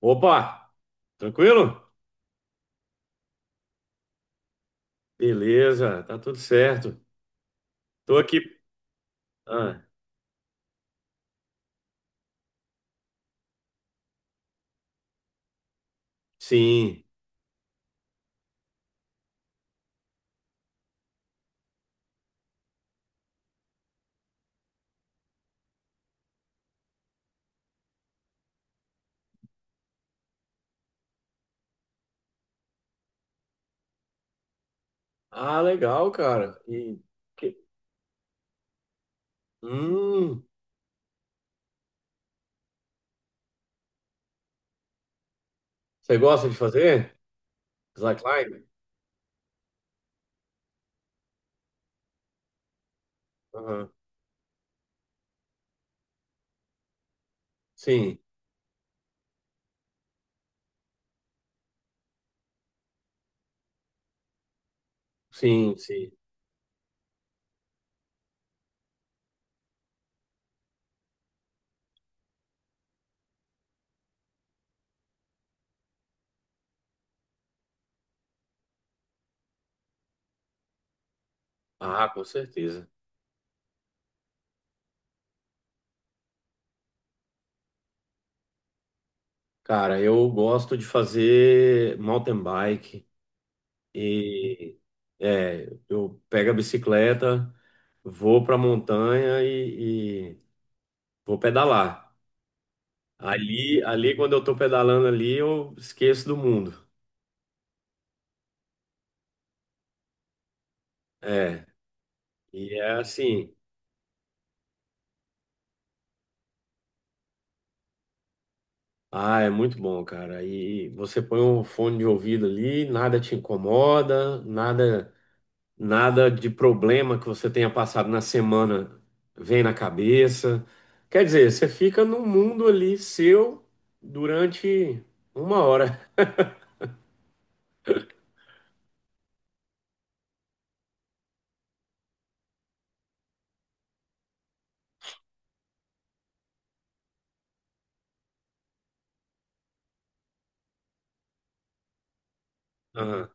Opa, tranquilo? Beleza, tá tudo certo. Tô aqui. Ah, sim. Ah, legal, cara. E que- hum, você gosta de fazer? Slackline? Aham. Sim, sim, sim. Ah, com certeza. Cara, eu gosto de fazer mountain bike e eu pego a bicicleta, vou pra montanha e vou pedalar. Ali quando eu tô pedalando ali, eu esqueço do mundo. É, e é assim, ah, é muito bom, cara. E você põe um fone de ouvido ali, nada te incomoda, nada, nada de problema que você tenha passado na semana vem na cabeça. Quer dizer, você fica num mundo ali seu durante uma hora. Aham,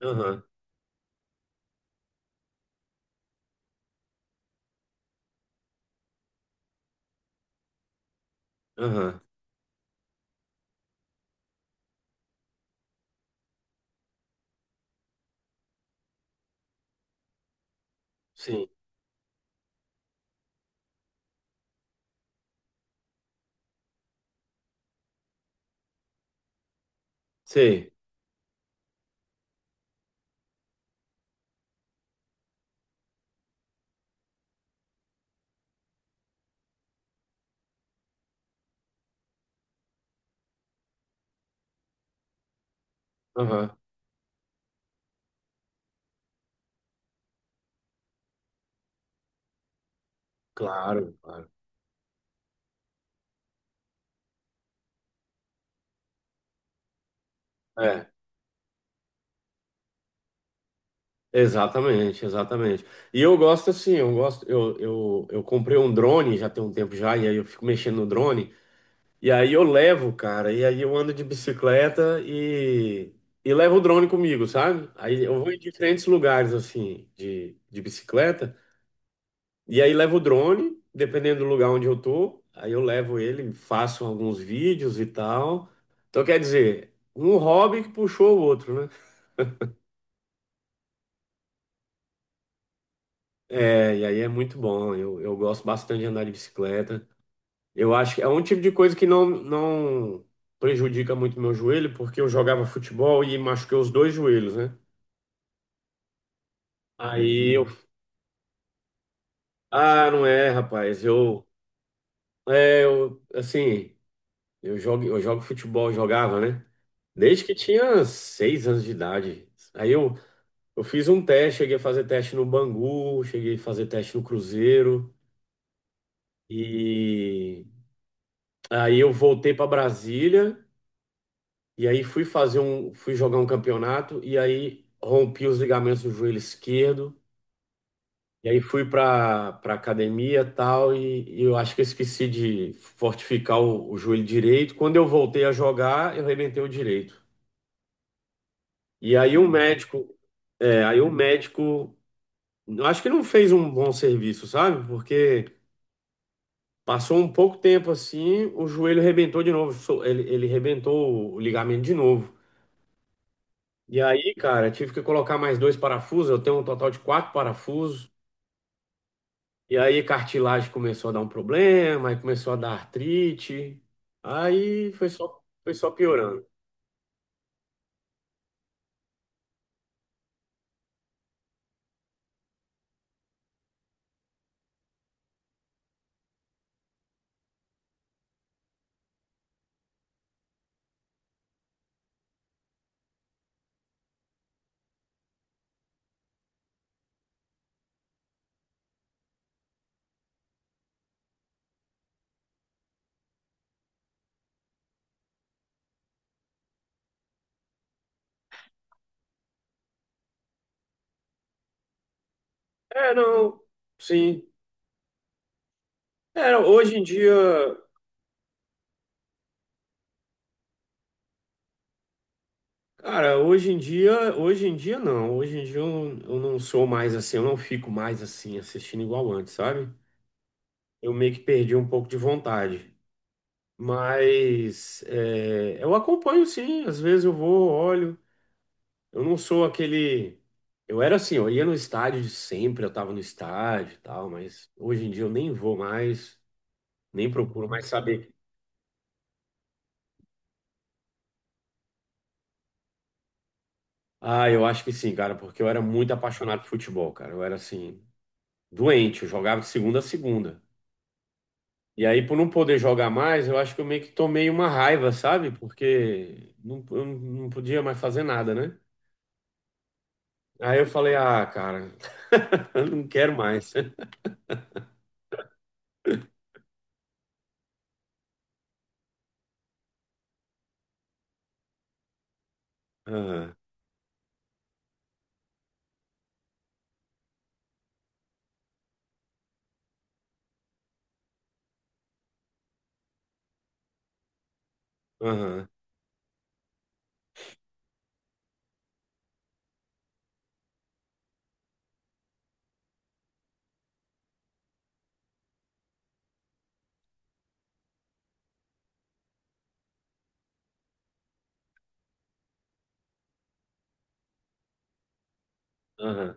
aham, aham. Sim, sei. Aham, claro, claro. é Exatamente, exatamente. E eu gosto assim, eu gosto, eu comprei um drone já tem um tempo já, e aí eu fico mexendo no drone, e aí eu levo, cara, e aí eu ando de bicicleta e levo o drone comigo, sabe? Aí eu vou em diferentes lugares assim, de bicicleta, e aí levo o drone, dependendo do lugar onde eu tô, aí eu levo ele, faço alguns vídeos e tal. Então quer dizer, um hobby que puxou o outro, né? É, e aí é muito bom. Eu gosto bastante de andar de bicicleta. Eu acho que é um tipo de coisa que não prejudica muito meu joelho, porque eu jogava futebol e machuquei os dois joelhos, né? Aí eu. Uhum. Ah, não é, rapaz. Eu. É, eu. Assim, eu jogo futebol, jogava, né? Desde que tinha 6 anos de idade. Aí eu fiz um teste, cheguei a fazer teste no Bangu, cheguei a fazer teste no Cruzeiro. E aí eu voltei para Brasília. E aí fui jogar um campeonato e aí rompi os ligamentos do joelho esquerdo. E aí fui para academia tal e eu acho que eu esqueci de fortificar o joelho direito. Quando eu voltei a jogar, eu arrebentei o direito. E aí o médico, aí o médico, eu acho que não fez um bom serviço, sabe? Porque passou um pouco tempo assim, o joelho arrebentou de novo, ele arrebentou o ligamento de novo. E aí, cara, tive que colocar mais dois parafusos. Eu tenho um total de quatro parafusos. E aí, cartilagem começou a dar um problema, aí começou a dar artrite. Aí foi só piorando. É, não, sim. É, hoje em dia, cara, hoje em dia não. Hoje em dia eu não sou mais assim, eu não fico mais assim, assistindo igual antes, sabe? Eu meio que perdi um pouco de vontade. Mas é, eu acompanho sim, às vezes eu vou, olho. Eu não sou aquele. Eu era assim, eu ia no estádio de sempre, eu tava no estádio e tal, mas hoje em dia eu nem vou mais, nem procuro mais saber. Ah, eu acho que sim, cara, porque eu era muito apaixonado por futebol, cara. Eu era assim, doente, eu jogava de segunda a segunda. E aí, por não poder jogar mais, eu acho que eu meio que tomei uma raiva, sabe? Porque não, eu não podia mais fazer nada, né? Aí eu falei, ah, cara, eu não quero mais. Aham, aham, aham,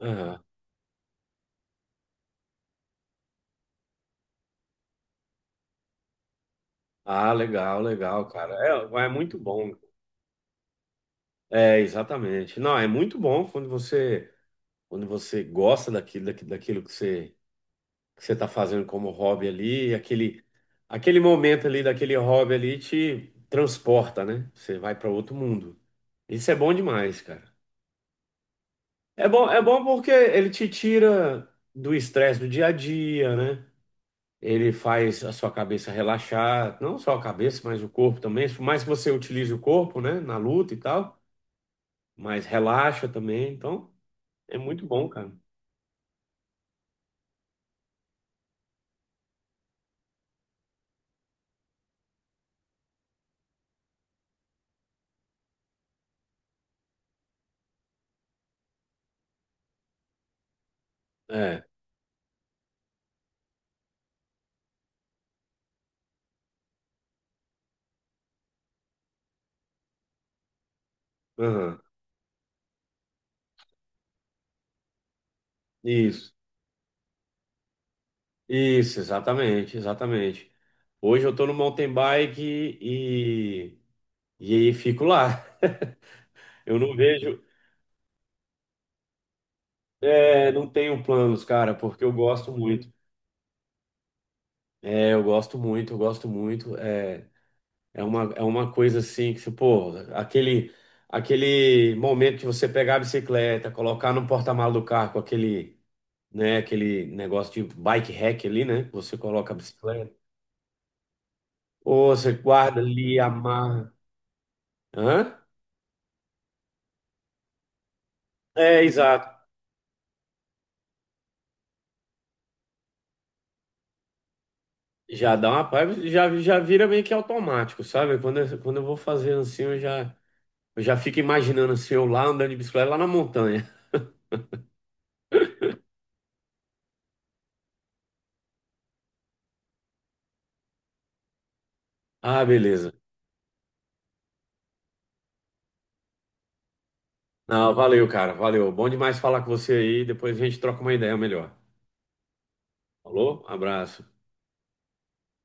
aham. Ah, legal, legal, cara. É muito bom. É, exatamente. Não, é muito bom quando você, gosta daquilo, daquilo que você tá fazendo como hobby ali, aquele momento ali daquele hobby ali te transporta, né? Você vai para outro mundo. Isso é bom demais, cara. É bom porque ele te tira do estresse do dia a dia, né? Ele faz a sua cabeça relaxar, não só a cabeça, mas o corpo também. Por mais que você utilize o corpo, né, na luta e tal. Mas relaxa também. Então, é muito bom, cara. É, aham, Isso, isso, exatamente, exatamente. Hoje eu tô no mountain bike e aí fico lá. Eu não vejo, não tenho planos, cara, porque eu gosto muito. É, eu gosto muito, eu gosto muito. É uma coisa assim que, você, pô, aquele momento que você pegar a bicicleta, colocar no porta-malas do carro com aquele, né? Aquele negócio de bike rack ali, né? Você coloca a bicicleta, ou você guarda ali, amarra. Hã? É, exato. Já dá uma paiva, já vira meio que automático, sabe? Quando eu vou fazer assim, eu já, fico imaginando assim, eu lá andando de bicicleta lá na montanha. Ah, beleza. Não, valeu, cara, valeu. Bom demais falar com você aí. Depois a gente troca uma ideia melhor. Falou? Abraço.